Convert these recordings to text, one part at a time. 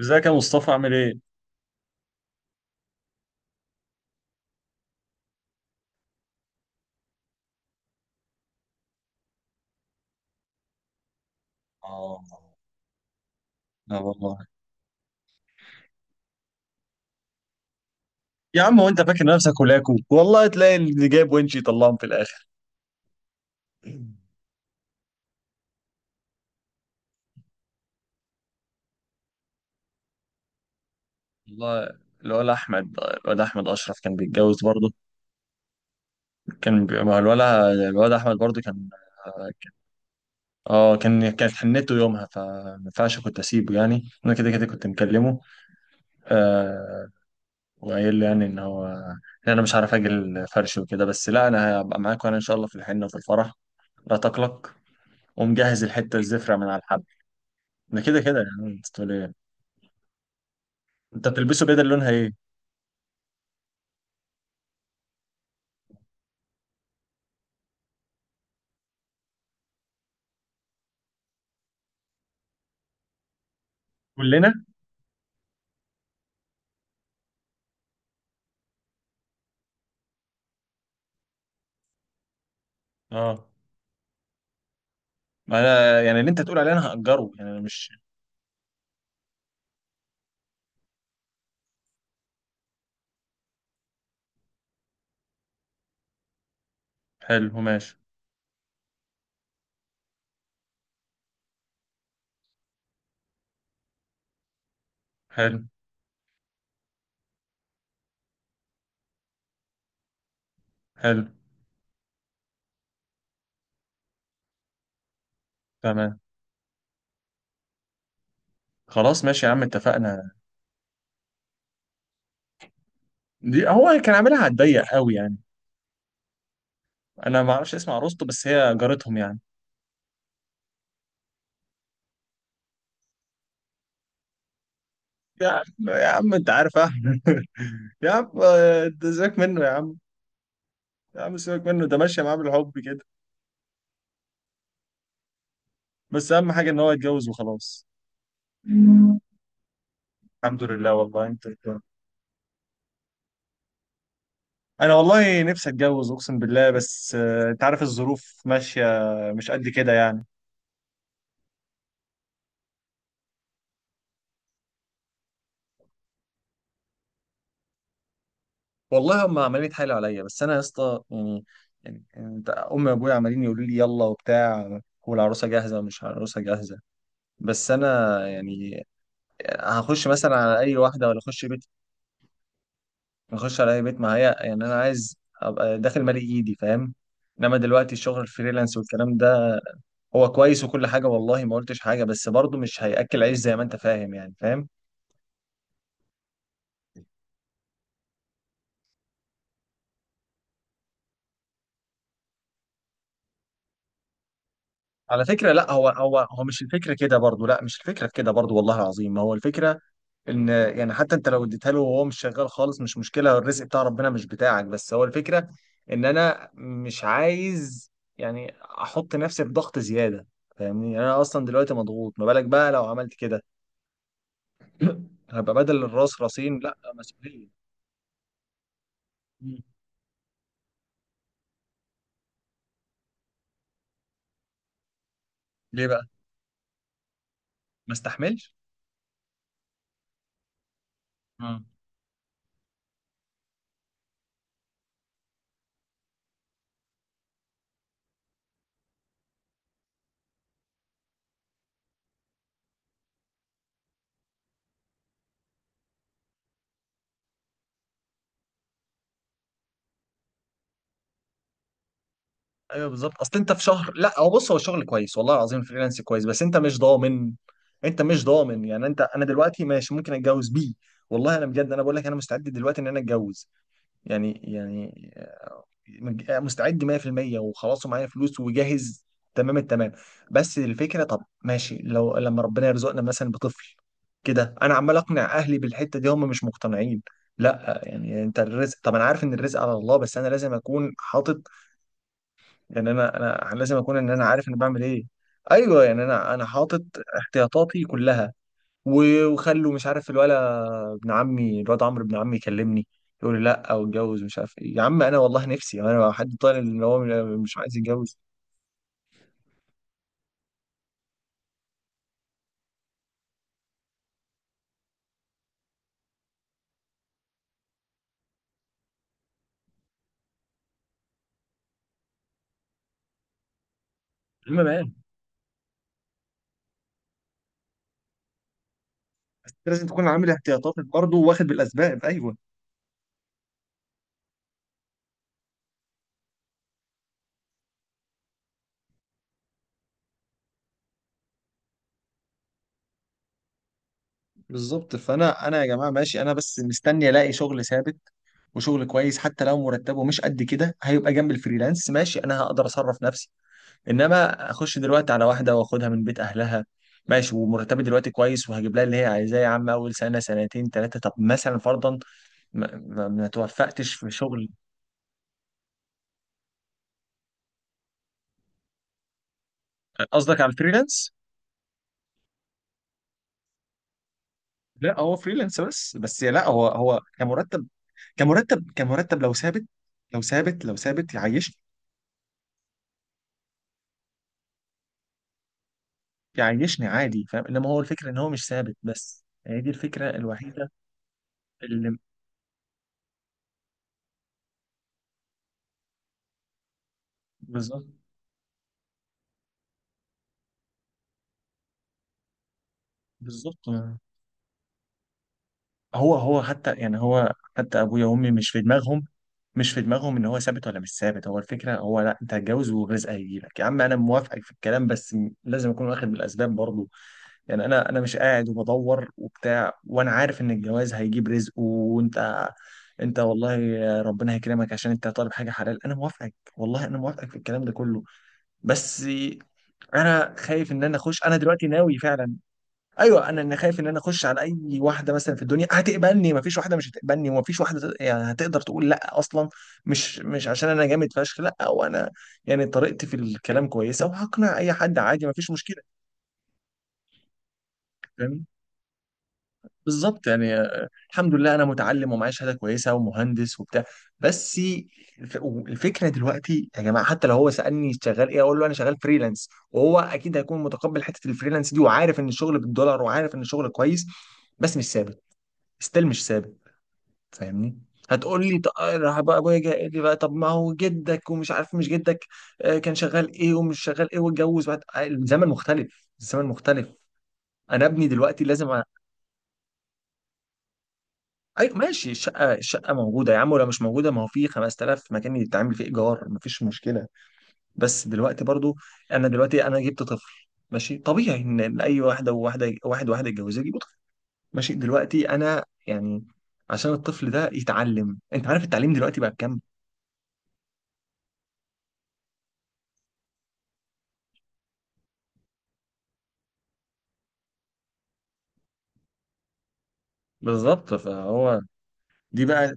ازيك يا مصطفى عامل ايه؟ اه. لا والله. يا عم هو انت فاكر نفسك ولاكو والله تلاقي اللي جايب ونشي يطلعهم في الاخر. والله. الواد احمد اشرف كان بيتجوز برضه. ما هو الواد احمد برضه كان. اه كان كانت حنته يومها، فما ينفعش كنت اسيبه، يعني انا كده كده كنت مكلمه. آه. وقايل له يعني ان انا مش عارف اجي الفرش وكده، بس لا، انا هبقى معاك وانا ان شاء الله في الحنه وفي الفرح. لا تقلق. ومجهز الحته الزفره من على الحب. ده كده كده، يعني انت تقول ايه. انت بتلبسه بدل لونها ايه؟ كلنا. اه ما انا يعني اللي انت تقول عليه انا هأجره، يعني انا مش. حلو ماشي. حلو. حلو. تمام. خلاص ماشي يا عم اتفقنا. دي هو كان عاملها على الضيق قوي يعني. انا ما اعرفش اسم عروسته بس هي جارتهم يعني. يا عم يا عم انت عارف احمد يا عم آه، ده سيبك منه يا عم. يا عم سيبك منه، ده ماشيه معاه بالحب كده. بس اهم حاجه ان هو يتجوز وخلاص. الحمد لله والله انت. انا والله نفسي اتجوز اقسم بالله، بس آه، انت عارف الظروف ماشيه مش قد كده يعني. والله هم عمالين يتحايلوا عليا بس انا يا اسطى يعني. يعني انت امي وابويا عمالين يقولوا لي يلا وبتاع، والعروسه جاهزه ومش عروسه جاهزه. بس انا يعني هخش مثلا على اي واحده ولا اخش بيت. اخش على اي بيت، ما هي يعني انا عايز ابقى داخل مالي ايدي فاهم. انما دلوقتي الشغل الفريلانس والكلام ده هو كويس وكل حاجه، والله ما قلتش حاجه، بس برضه مش هياكل عيش زي ما انت فاهم يعني فاهم. على فكرة لا، هو مش الفكرة كده برضو، لا مش الفكرة في كده برضو، والله العظيم ما هو الفكرة ان يعني حتى انت لو اديتها له وهو مش شغال خالص مش مشكلة، الرزق بتاع ربنا مش بتاعك، بس هو الفكرة ان انا مش عايز يعني احط نفسي في ضغط زيادة. فاهمني؟ يعني انا اصلا دلوقتي مضغوط، ما بالك بقى لو عملت كده؟ هبقى بدل الراس راسين لا مسؤولية. مم. ليه بقى؟ ما استحملش. ايوه بالظبط، اصل انت في شهر، لا هو بص هو الشغل كويس والله العظيم، فريلانس كويس بس انت مش ضامن. انت مش ضامن، يعني انت انا دلوقتي ماشي ممكن اتجوز بيه. والله انا بجد انا بقول لك انا مستعد دلوقتي ان انا اتجوز. يعني مستعد 100% وخلاص، ومعايا فلوس وجاهز تمام التمام. بس الفكره، طب ماشي لو لما ربنا يرزقنا مثلا بطفل كده، انا عمال اقنع اهلي بالحته دي هم مش مقتنعين. لا يعني انت الرزق، طب انا عارف ان الرزق على الله، بس انا لازم اكون حاطط، يعني انا لازم اكون ان انا عارف انا بعمل ايه. ايوه يعني انا حاطط احتياطاتي كلها. و- وخلوا مش عارف الولا، ابن عمي الواد عمرو ابن عمي يكلمني يقول لي لا واتجوز مش عارف ايه. يا عم انا والله نفسي، يعني انا حد طالع ان هو مش عايز يتجوز؟ المهم بقى. بس لازم تكون عامل احتياطاتك برضه واخد بالاسباب، ايوه بالظبط. فانا يا جماعه ماشي، انا بس مستني الاقي شغل ثابت وشغل كويس حتى لو مرتبه مش قد كده، هيبقى جنب الفريلانس ماشي انا هقدر اصرف نفسي. انما اخش دلوقتي على واحده واخدها من بيت اهلها ماشي، ومرتبي دلوقتي كويس وهجيب لها اللي هي عايزاه، يا عم اول سنه سنتين ثلاثه طب مثلا فرضا ما توفقتش في شغل؟ قصدك على الفريلانس. لا هو فريلانس بس لا هو كمرتب، كمرتب كمرتب لو ثابت، لو ثابت لو ثابت يعيشني. يعيشني عادي فاهم، انما هو الفكره ان هو مش ثابت، بس هي دي الفكره الوحيده اللي. بالظبط. بالظبط هو حتى يعني هو حتى ابويا وامي مش في دماغهم. مش في دماغهم ان هو ثابت ولا مش ثابت. هو الفكره هو لا انت هتجوز والرزق هيجيلك يا عم، انا موافقك في الكلام بس لازم اكون واخد بالاسباب برضو، يعني انا مش قاعد وبدور وبتاع وانا عارف ان الجواز هيجيب رزق. انت والله ربنا هيكرمك عشان انت طالب حاجه حلال، انا موافقك والله انا موافقك في الكلام ده كله. بس انا خايف ان انا اخش انا دلوقتي ناوي فعلا. ايوه انا خايف ان انا اخش على اي واحده مثلا في الدنيا هتقبلني، مفيش واحده مش هتقبلني ومفيش واحده يعني هتقدر تقول لا اصلا، مش عشان انا جامد فشخ لا، وانا يعني طريقتي في الكلام كويسه وهقنع اي حد عادي مفيش مشكله. فاهم. بالظبط يعني آه، الحمد لله انا متعلم ومعايا شهاده كويسه ومهندس وبتاع. بس الف- الفكره دلوقتي يا جماعه، حتى لو هو سالني شغال ايه اقول له انا شغال فريلانس، وهو اكيد هيكون متقبل حته الفريلانس دي وعارف ان الشغل بالدولار وعارف ان الشغل كويس، بس مش ثابت. ستيل مش ثابت. فاهمني. هتقول لي راح بقى ابويا جاي قال لي بقى، طب ما هو جدك ومش عارف مش جدك آه، كان شغال ايه ومش شغال ايه واتجوز بعد آه، الزمن مختلف. الزمن مختلف. انا ابني دلوقتي لازم. ايوه ماشي، الشقه الشقه موجوده يا عم، ولو مش موجوده ما هو في 5000 مكان يتعمل فيه ايجار مفيش مشكله. بس دلوقتي برضو انا دلوقتي انا جبت طفل، ماشي طبيعي ان إن اي واحده وواحده واحد واحده يتجوزها يجيبوا طفل، ماشي دلوقتي انا يعني عشان الطفل ده يتعلم، انت عارف التعليم دلوقتي بقى بكام؟ بالظبط فهو. دي بقى.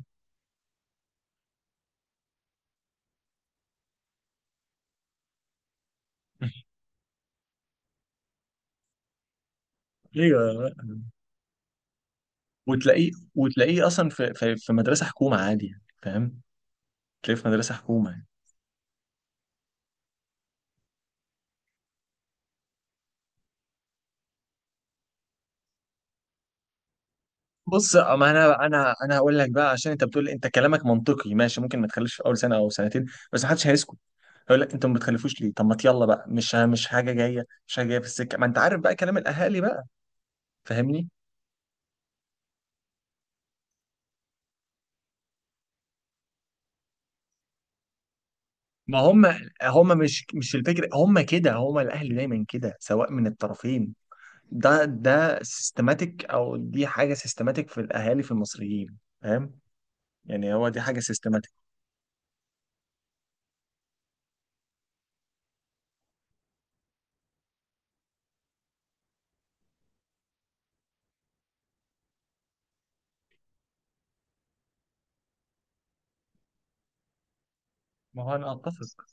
ايوه وتلاقيه، وتلاقيه اصلا في مدرسه حكومه عادي يعني فاهم، تلاقيه في مدرسه حكومه يعني. بص ما انا هقول لك بقى، عشان انت بتقول انت كلامك منطقي ماشي ممكن ما تخليش في اول سنه او سنتين، بس محدش هيسكت. هيقول لك انتوا ما بتخلفوش ليه، طب ما يلا بقى مش حاجه جايه مش حاجه جايه في السكه، ما انت عارف بقى كلام الاهالي بقى. فاهمني. ما هم مش الفكره، هم الاهل دايما كده سواء من الطرفين، ده سيستماتيك او دي حاجه سيستماتيك في الاهالي في المصريين فاهم، يعني هو دي حاجه سيستماتيك. ما هو انا اتفق،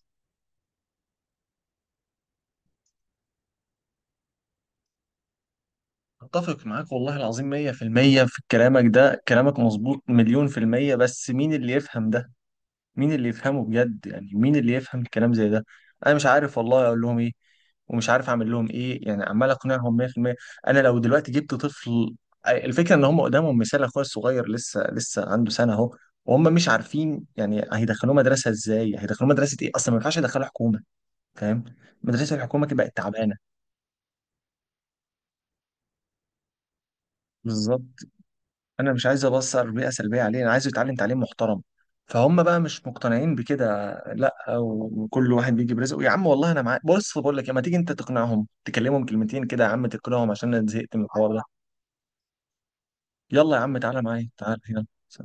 اتفق معاك والله العظيم 100% في المية، في كلامك ده كلامك مظبوط مليون في المية، بس مين اللي يفهم ده؟ مين اللي يفهمه بجد يعني؟ مين اللي يفهم الكلام زي ده؟ انا مش عارف والله اقول لهم ايه ومش عارف اعمل لهم ايه، يعني عمال اقنعهم 100%. انا لو دلوقتي جبت طفل، الفكره ان هم قدامهم مثال اخويا الصغير لسه لسه عنده سنه اهو، وهم مش عارفين يعني هيدخلوه مدرسه ازاي، هيدخلوه مدرسه ايه؟ اصلا ما ينفعش يدخلوه حكومه، فاهم. مدرسه الحكومه كده بقت تعبانه. بالظبط، انا مش عايز ابصر بيئه سلبيه عليه، انا عايزه يتعلم تعليم محترم. فهم بقى مش مقتنعين بكده، لا وكل واحد بيجي برزقه يا عم، والله انا معاك. بص بقول لك إيه، ما تيجي انت تقنعهم تكلمهم كلمتين كده يا عم، تقنعهم عشان انا زهقت من الحوار ده. يلا يا عم تعالى معايا، تعالى، يلا سلام.